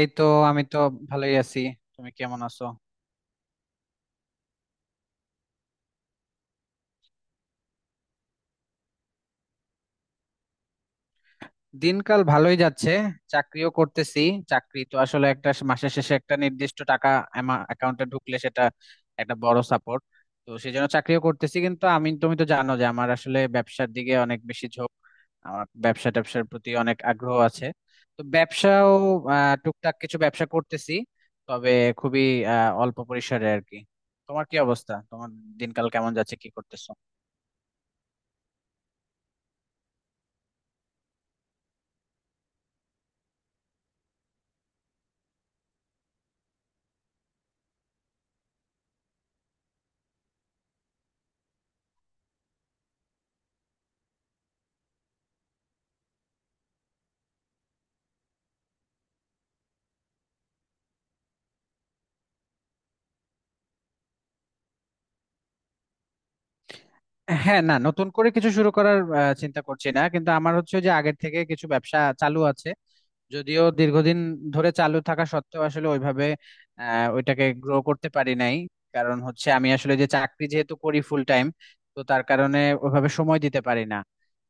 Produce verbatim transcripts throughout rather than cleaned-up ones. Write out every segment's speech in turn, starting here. এই তো, আমি তো ভালোই আছি। তুমি কেমন আছো? দিনকাল ভালোই যাচ্ছে। চাকরিও করতেছি। চাকরি তো আসলে একটা স- মাসের শেষে একটা নির্দিষ্ট টাকা অ্যাকাউন্টে ঢুকলে সেটা একটা বড় সাপোর্ট। তো সেই জন্য চাকরিও করতেছি, কিন্তু আমি তুমি তো জানো যে আমার আসলে ব্যবসার দিকে অনেক বেশি ঝোঁক। আমার ব্যবসা ট্যাবসার প্রতি অনেক আগ্রহ আছে। তো ব্যবসাও আহ টুকটাক কিছু ব্যবসা করতেছি, তবে খুবই আহ অল্প পরিসরে আর কি। তোমার কি অবস্থা, তোমার দিনকাল কেমন যাচ্ছে, কি করতেছো? হ্যাঁ, না, নতুন করে কিছু শুরু করার আহ, চিন্তা করছি না, কিন্তু আমার হচ্ছে যে আগের থেকে কিছু ব্যবসা চালু আছে। যদিও দীর্ঘদিন ধরে চালু থাকা সত্ত্বেও আসলে ওইভাবে আহ, ওইটাকে গ্রো করতে পারি নাই। কারণ হচ্ছে আমি আসলে যে চাকরি যেহেতু করি ফুল টাইম, তো তার কারণে ওইভাবে সময় দিতে পারি না।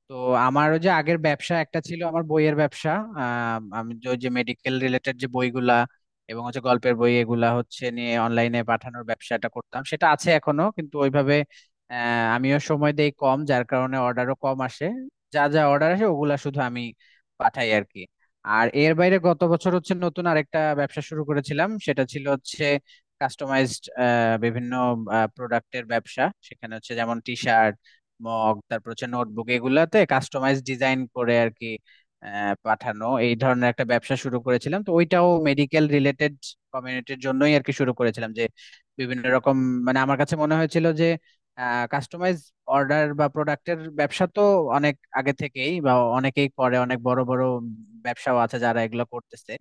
তো আমারও যে আগের ব্যবসা একটা ছিল আমার বইয়ের ব্যবসা। আহ, আমি যে ওই যে মেডিকেল রিলেটেড যে বইগুলা এবং হচ্ছে গল্পের বই এগুলা হচ্ছে নিয়ে অনলাইনে পাঠানোর ব্যবসাটা করতাম, সেটা আছে এখনো কিন্তু ওইভাবে আহ, আমিও সময় দেই কম, যার কারণে অর্ডারও কম আসে। যা যা অর্ডার আসে ওগুলা শুধু আমি পাঠাই আর কি। আর এর বাইরে গত বছর হচ্ছে নতুন আরেকটা ব্যবসা শুরু করেছিলাম, সেটা ছিল হচ্ছে কাস্টমাইজড বিভিন্ন প্রোডাক্টের ব্যবসা। সেখানে হচ্ছে যেমন টি শার্ট, মগ, তারপর হচ্ছে নোটবুক এগুলাতে কাস্টমাইজ ডিজাইন করে আর কি আহ, পাঠানো, এই ধরনের একটা ব্যবসা শুরু করেছিলাম। তো ওইটাও মেডিকেল রিলেটেড কমিউনিটির জন্যই আর কি শুরু করেছিলাম যে বিভিন্ন রকম, মানে আমার কাছে মনে হয়েছিল যে কাস্টমাইজ অর্ডার বা প্রোডাক্টের ব্যবসা তো অনেক আগে থেকেই বা অনেকেই করে, অনেক বড় বড় ব্যবসাও আছে যারা এগুলো করতেছে।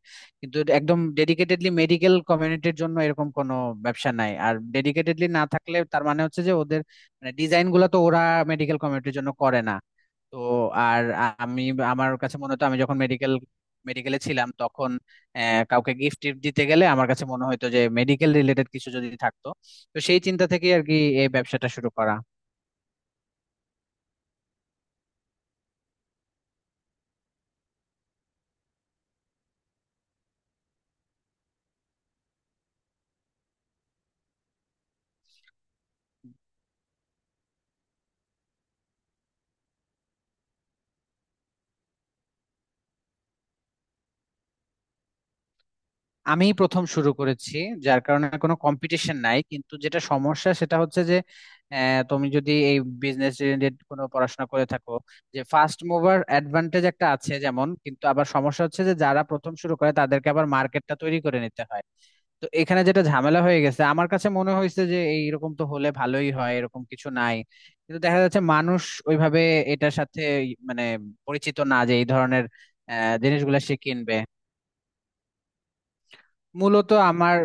কিন্তু একদম ডেডিকেটেডলি মেডিকেল কমিউনিটির জন্য এরকম কোনো ব্যবসা নাই, আর ডেডিকেটেডলি না থাকলে তার মানে হচ্ছে যে ওদের মানে ডিজাইন গুলো তো ওরা মেডিকেল কমিউনিটির জন্য করে না। তো আর আমি আমার কাছে মনে হতো আমি যখন মেডিকেল মেডিকেলে ছিলাম তখন আহ, কাউকে গিফট টিফট দিতে গেলে আমার কাছে মনে হতো যে মেডিকেল রিলেটেড কিছু যদি থাকতো। তো সেই চিন্তা থেকে আর কি এই ব্যবসাটা শুরু করা। আমি প্রথম শুরু করেছি, যার কারণে কোনো কম্পিটিশন নাই, কিন্তু যেটা সমস্যা সেটা হচ্ছে যে আহ, তুমি যদি এই বিজনেস রিলেটেড কোনো পড়াশোনা করে থাকো, যে ফার্স্ট মুভার অ্যাডভান্টেজ একটা আছে যেমন। কিন্তু আবার সমস্যা হচ্ছে যে যারা প্রথম শুরু করে তাদেরকে আবার মার্কেটটা তৈরি করে নিতে হয়। তো এখানে যেটা ঝামেলা হয়ে গেছে, আমার কাছে মনে হয়েছে যে এইরকম তো হলে ভালোই হয় এরকম কিছু নাই। কিন্তু দেখা যাচ্ছে মানুষ ওইভাবে এটার সাথে মানে পরিচিত না যে এই ধরনের আহ জিনিসগুলা সে কিনবে। মূলত আমার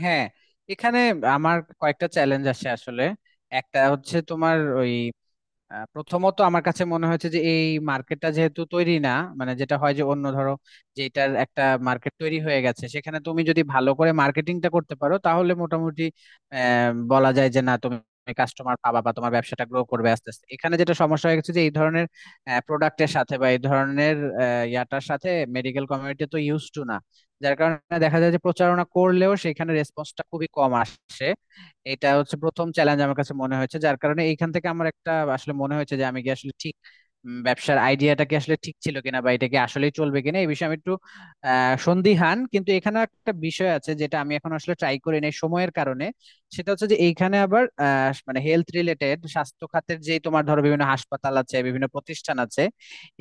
হ্যাঁ, এখানে আমার কয়েকটা চ্যালেঞ্জ আসে আসলে। একটা হচ্ছে তোমার ওই আহ, প্রথমত আমার কাছে মনে হয়েছে যে এই মার্কেটটা যেহেতু তৈরি না, মানে যেটা হয় যে অন্য ধরো যেটার একটা মার্কেট তৈরি হয়ে গেছে সেখানে তুমি যদি ভালো করে মার্কেটিংটা করতে পারো তাহলে মোটামুটি আহ, বলা যায় যে না, তুমি কাস্টমার পাবা বা তোমার ব্যবসাটা গ্রো করবে আস্তে আস্তে। এখানে যেটা সমস্যা হয়ে গেছে যে এই ধরনের প্রোডাক্টের সাথে বা এই ধরনের আহ, ইয়াটার সাথে মেডিকেল কমিউনিটি তো ইউজ টু না, যার কারণে দেখা যায় যে প্রচারণা করলেও সেখানে রেসপন্সটা খুবই কম আসে। এটা হচ্ছে প্রথম চ্যালেঞ্জ আমার কাছে মনে হয়েছে, যার কারণে এইখান থেকে আমার একটা আসলে মনে হয়েছে যে আমি কি আসলে ঠিক উম, ব্যবসার আইডিয়াটা কি আসলে ঠিক ছিল কিনা বা এটা কি আসলে চলবে কিনা এই বিষয়ে আমি একটু আহ সন্দিহান। কিন্তু এখানে একটা বিষয় আছে যেটা আমি এখন আসলে ট্রাই করি নাই সময়ের কারণে। সেটা হচ্ছে যে এইখানে আবার আহ, মানে হেলথ রিলেটেড স্বাস্থ্য খাতের যে তোমার ধরো বিভিন্ন হাসপাতাল আছে, বিভিন্ন প্রতিষ্ঠান আছে,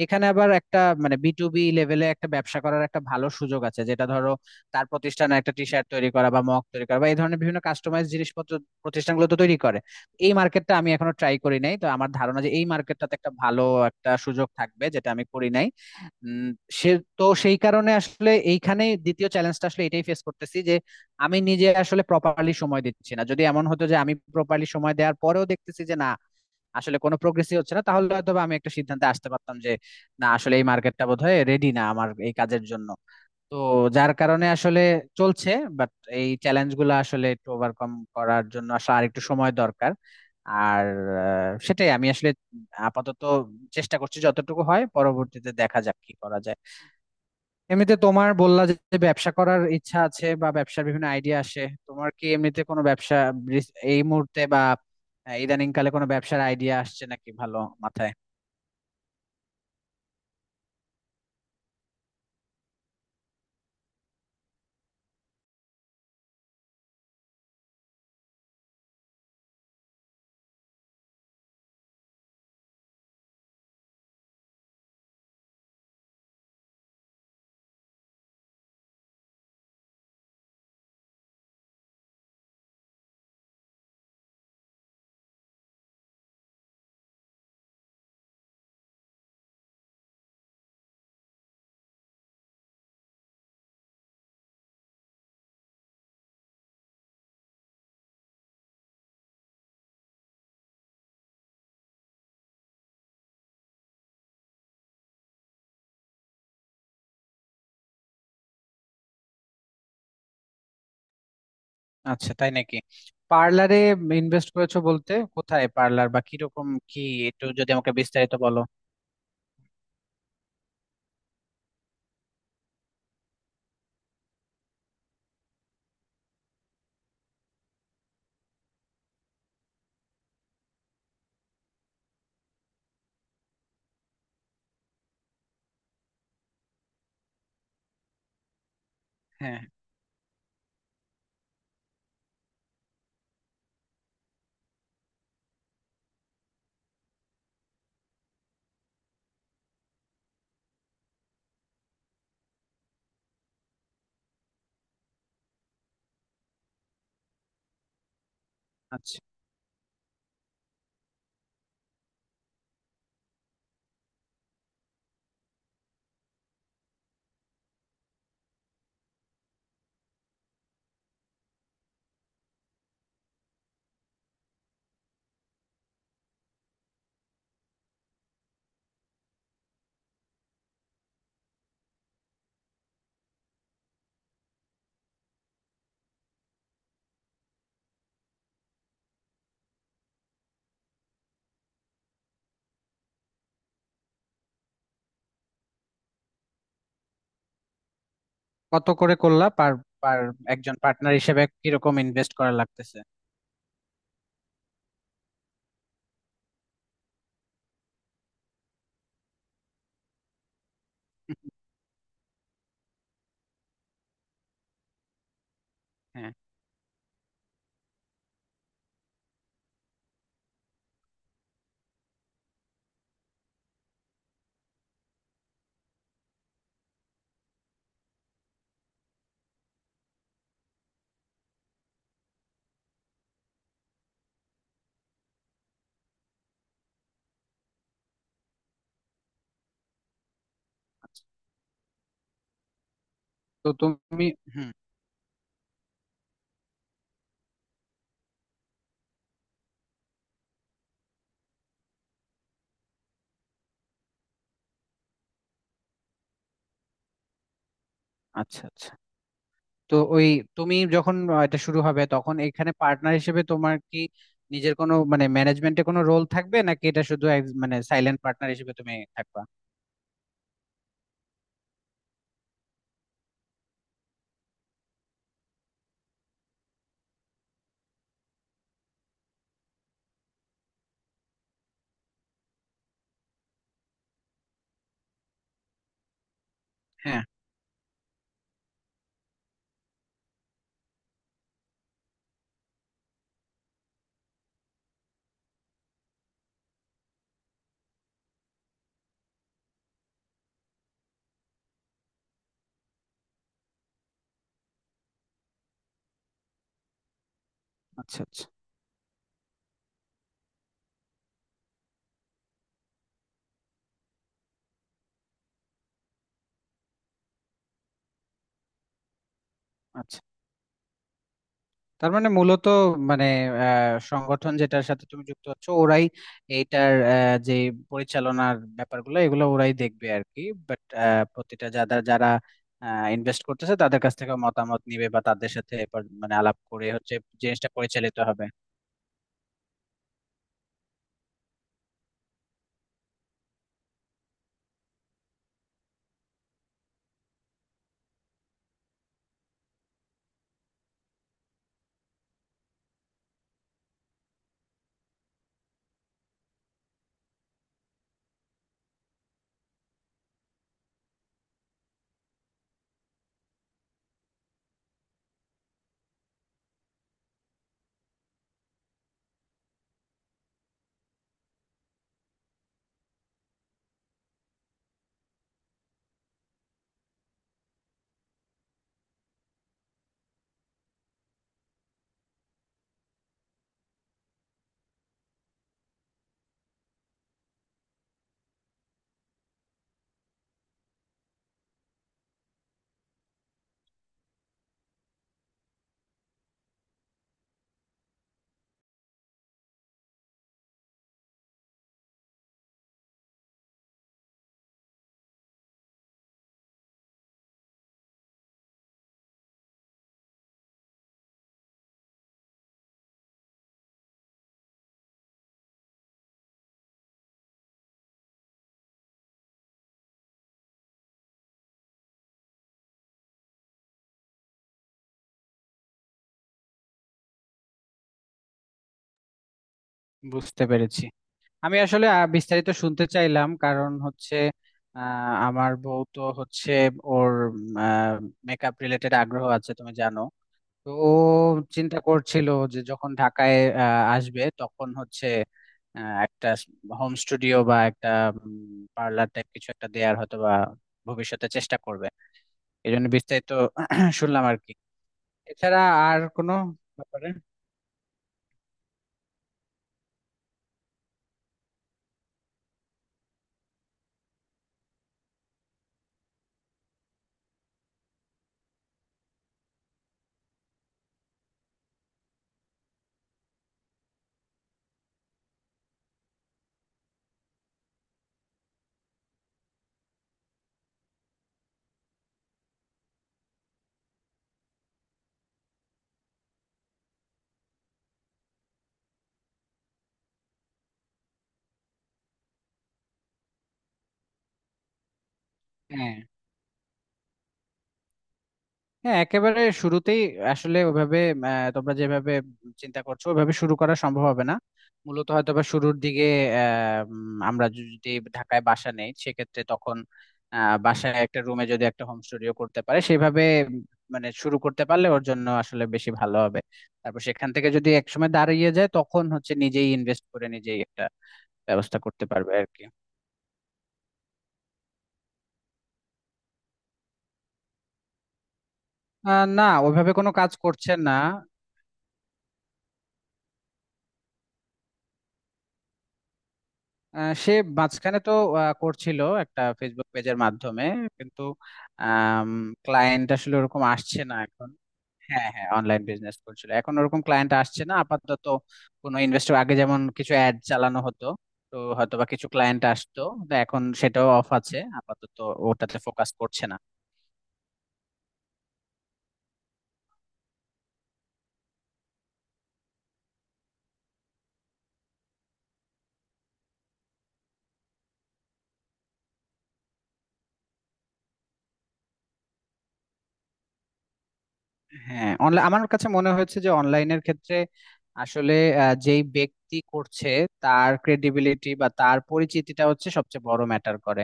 এখানে আবার একটা মানে বিটুবি লেভেলে একটা ব্যবসা করার একটা ভালো সুযোগ আছে। যেটা ধরো তার প্রতিষ্ঠানে একটা টি শার্ট তৈরি করা বা মগ তৈরি করা বা এই ধরনের বিভিন্ন কাস্টমাইজ জিনিসপত্র প্রতিষ্ঠানগুলো তো তৈরি করে। এই মার্কেটটা আমি এখনো ট্রাই করি নাই, তো আমার ধারণা যে এই মার্কেটটাতে একটা ভালো একটা সুযোগ থাকবে যেটা আমি করি নাই। উম, সে তো সেই কারণে আসলে এইখানে দ্বিতীয় চ্যালেঞ্জটা আসলে এটাই ফেস করতেছি যে আমি নিজে আসলে প্রপারলি সময় দিচ্ছি না। যদি এমন হতো যে আমি প্রপারলি সময় দেওয়ার পরেও দেখতেছি যে না আসলে কোনো প্রোগ্রেসই হচ্ছে না, তাহলে হয়তো বা আমি একটা সিদ্ধান্তে আসতে পারতাম যে না, আসলে এই মার্কেটটা বোধহয় রেডি না আমার এই কাজের জন্য। তো যার কারণে আসলে চলছে, বাট এই চ্যালেঞ্জ গুলো আসলে একটু ওভারকাম করার জন্য আসলে আর একটু সময় দরকার। আর আহ, সেটাই আমি আসলে আপাতত চেষ্টা করছি যতটুকু হয়, পরবর্তীতে দেখা যাক কি করা যায়। এমনিতে তোমার বললা যে যে ব্যবসা করার ইচ্ছা আছে বা ব্যবসার বিভিন্ন আইডিয়া আসে, তোমার কি এমনিতে কোনো ব্যবসা বিস- এই মুহূর্তে বা আহ, ইদানিং কালে কোনো ব্যবসার আইডিয়া আসছে নাকি ভালো মাথায়? আচ্ছা, তাই নাকি? পার্লারে ইনভেস্ট করেছো বলতে কোথায় পার্লার বা কিরকম কি, একটু যদি আমাকে বিস্তারিত বলো। হ্যাঁ, হ্যাঁ। আচ্ছা। কত করে করলা পার পার একজন পার্টনার হিসেবে কিরকম ইনভেস্ট করা লাগতেছে? হ্যাঁ। আচ্ছা। তো তুমি। হুম। আচ্ছা, আচ্ছা। তো ওই, তুমি যখন আহ, এটা শুরু হবে তখন এখানে পার্টনার হিসেবে তোমার কি নিজের কোনো মানে ম্যানেজমেন্টে কোনো রোল থাকবে, নাকি এটা শুধু এক- মানে সাইলেন্ট পার্টনার হিসেবে তুমি থাকবা? হ্যাঁ। আচ্ছা, আচ্ছা। আচ্ছা, তার মানে মূলত মানে আহ, সংগঠন যেটার সাথে তুমি যুক্ত হচ্ছ ওরাই এইটার আহ, যে পরিচালনার ব্যাপারগুলো এগুলো ওরাই দেখবে আর কি। বাট প্রতিটা যারা যারা ইনভেস্ট করতেছে তাদের কাছ থেকে মতামত নিবে বা তাদের সাথে এবার মানে আলাপ করে হচ্ছে জিনিসটা পরিচালিত হবে। বুঝতে পেরেছি। আমি আসলে আহ, বিস্তারিত শুনতে চাইলাম, কারণ হচ্ছে আহ, আমার বউ তো হচ্ছে ওর মেকআপ রিলেটেড আগ্রহ আছে, তুমি জানো। তো ও চিন্তা করছিল যে যখন ঢাকায় আহ, আসবে তখন হচ্ছে আহ, একটা হোম স্টুডিও বা একটা পার্লার টাইপ কিছু একটা দেয়ার হয়তো বা ভবিষ্যতে চেষ্টা করবে। এই জন্য বিস্তারিত শুনলাম আর কি। এছাড়া আর কোনো ব্যাপারে। হ্যাঁ, হ্যাঁ, একেবারে শুরুতেই আসলে ওভাবে আহ, তোমরা যেভাবে চিন্তা করছো ওভাবে শুরু করা সম্ভব হবে না। মূলত হয়তো বা শুরুর দিকে আহ, উম, আমরা যদি ঢাকায় বাসা নেই সেক্ষেত্রে তখন আহ, বাসায় একটা রুমে যদি একটা হোম স্টুডিও করতে পারে সেভাবে মানে শুরু করতে পারলে ওর জন্য আসলে বেশি ভালো হবে। তারপর সেখান থেকে যদি একসময় দাঁড়িয়ে যায় তখন হচ্ছে নিজেই ইনভেস্ট করে নিজেই একটা ব্যবস্থা করতে পারবে আর কি। আহ, না, ওইভাবে কোনো কাজ করছে না। আহ, সে মাঝখানে তো আহ, করছিল একটা ফেসবুক পেজের মাধ্যমে, কিন্তু ক্লায়েন্ট আসলে ওরকম আসছে না এখন। হ্যাঁ, হ্যাঁ, অনলাইন বিজনেস করছিল, এখন ওরকম ক্লায়েন্ট আসছে না আপাতত। কোনো ইনভেস্টর আগে যেমন কিছু অ্যাড চালানো হতো, তো হয়তোবা কিছু ক্লায়েন্ট আসতো। তো এখন সেটাও অফ আছে আপাতত, ওটাতে ফোকাস করছে না। হ্যাঁ, অনলাইন আমার কাছে মনে হয়েছে যে অনলাইনের ক্ষেত্রে আসলে আহ, যেই ব্যক্তি করছে তার ক্রেডিবিলিটি বা তার পরিচিতিটা হচ্ছে সবচেয়ে বড় ম্যাটার করে।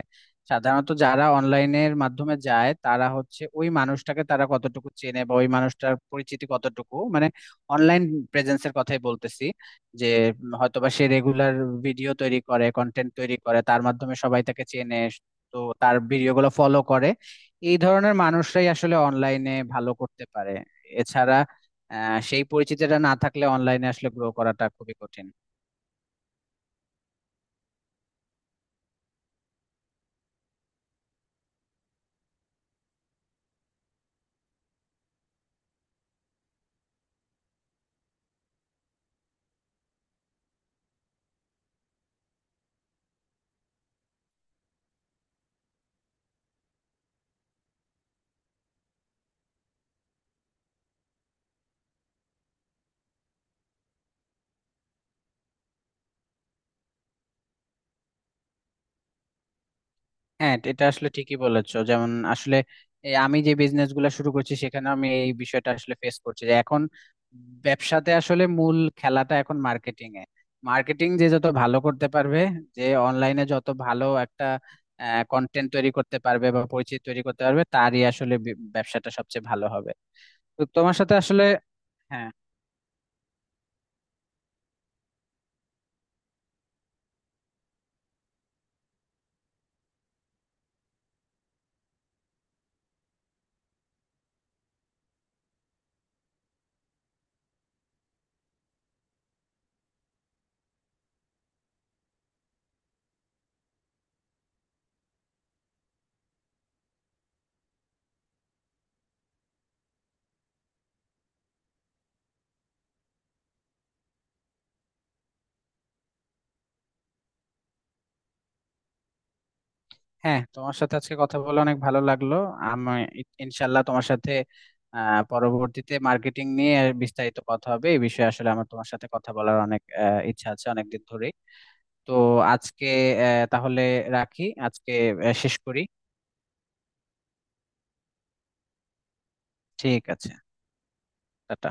সাধারণত যারা অনলাইনের মাধ্যমে যায় তারা হচ্ছে ওই মানুষটাকে তারা কতটুকু চেনে বা ওই মানুষটার পরিচিতি কতটুকু, মানে অনলাইন প্রেজেন্সের কথাই বলতেছি, যে উম, হয়তোবা সে রেগুলার ভিডিও তৈরি করে কন্টেন্ট তৈরি করে তার মাধ্যমে সবাই তাকে চেনে, তো তার ভিডিওগুলো ফলো করে। এই ধরনের মানুষরাই আসলে অনলাইনে ভালো করতে পারে। এছাড়া আহ, সেই পরিচিতিটা না থাকলে অনলাইনে আসলে গ্রো করাটা খুবই কঠিন। হ্যাঁ, এটা এটা আসলে ঠিকই বলেছো। যেমন আসলে এই আমি যে বিজনেস গুলো শুরু করছি সেখানে আমি এই বিষয়টা আসলে ফেস করছি যে এখন ব্যবসাতে আসলে মূল খেলাটা এখন মার্কেটিং এ। মার্কেটিং যে যত ভালো করতে পারবে, যে অনলাইনে যত ভালো একটা কন্টেন্ট তৈরি করতে পারবে বা পরিচিতি তৈরি করতে পারবে তারই আসলে বি- ব্যবসাটা সবচেয়ে ভালো হবে। তো তোমার সাথে আসলে, হ্যাঁ, হ্যাঁ, তোমার সাথে আজকে কথা বলে অনেক ভালো লাগলো। আমি ইনশাল্লাহ তোমার সাথে আহ, পরবর্তীতে মার্কেটিং নিয়ে বিস্তারিত কথা হবে, এই বিষয়ে আসলে আমার তোমার সাথে কথা বলার অনেক আহ, ইচ্ছা আছে অনেকদিন ধরেই। তো আজকে আহ, তাহলে রাখি আজকে, আহ, শেষ করি। ঠিক আছে। টাটা।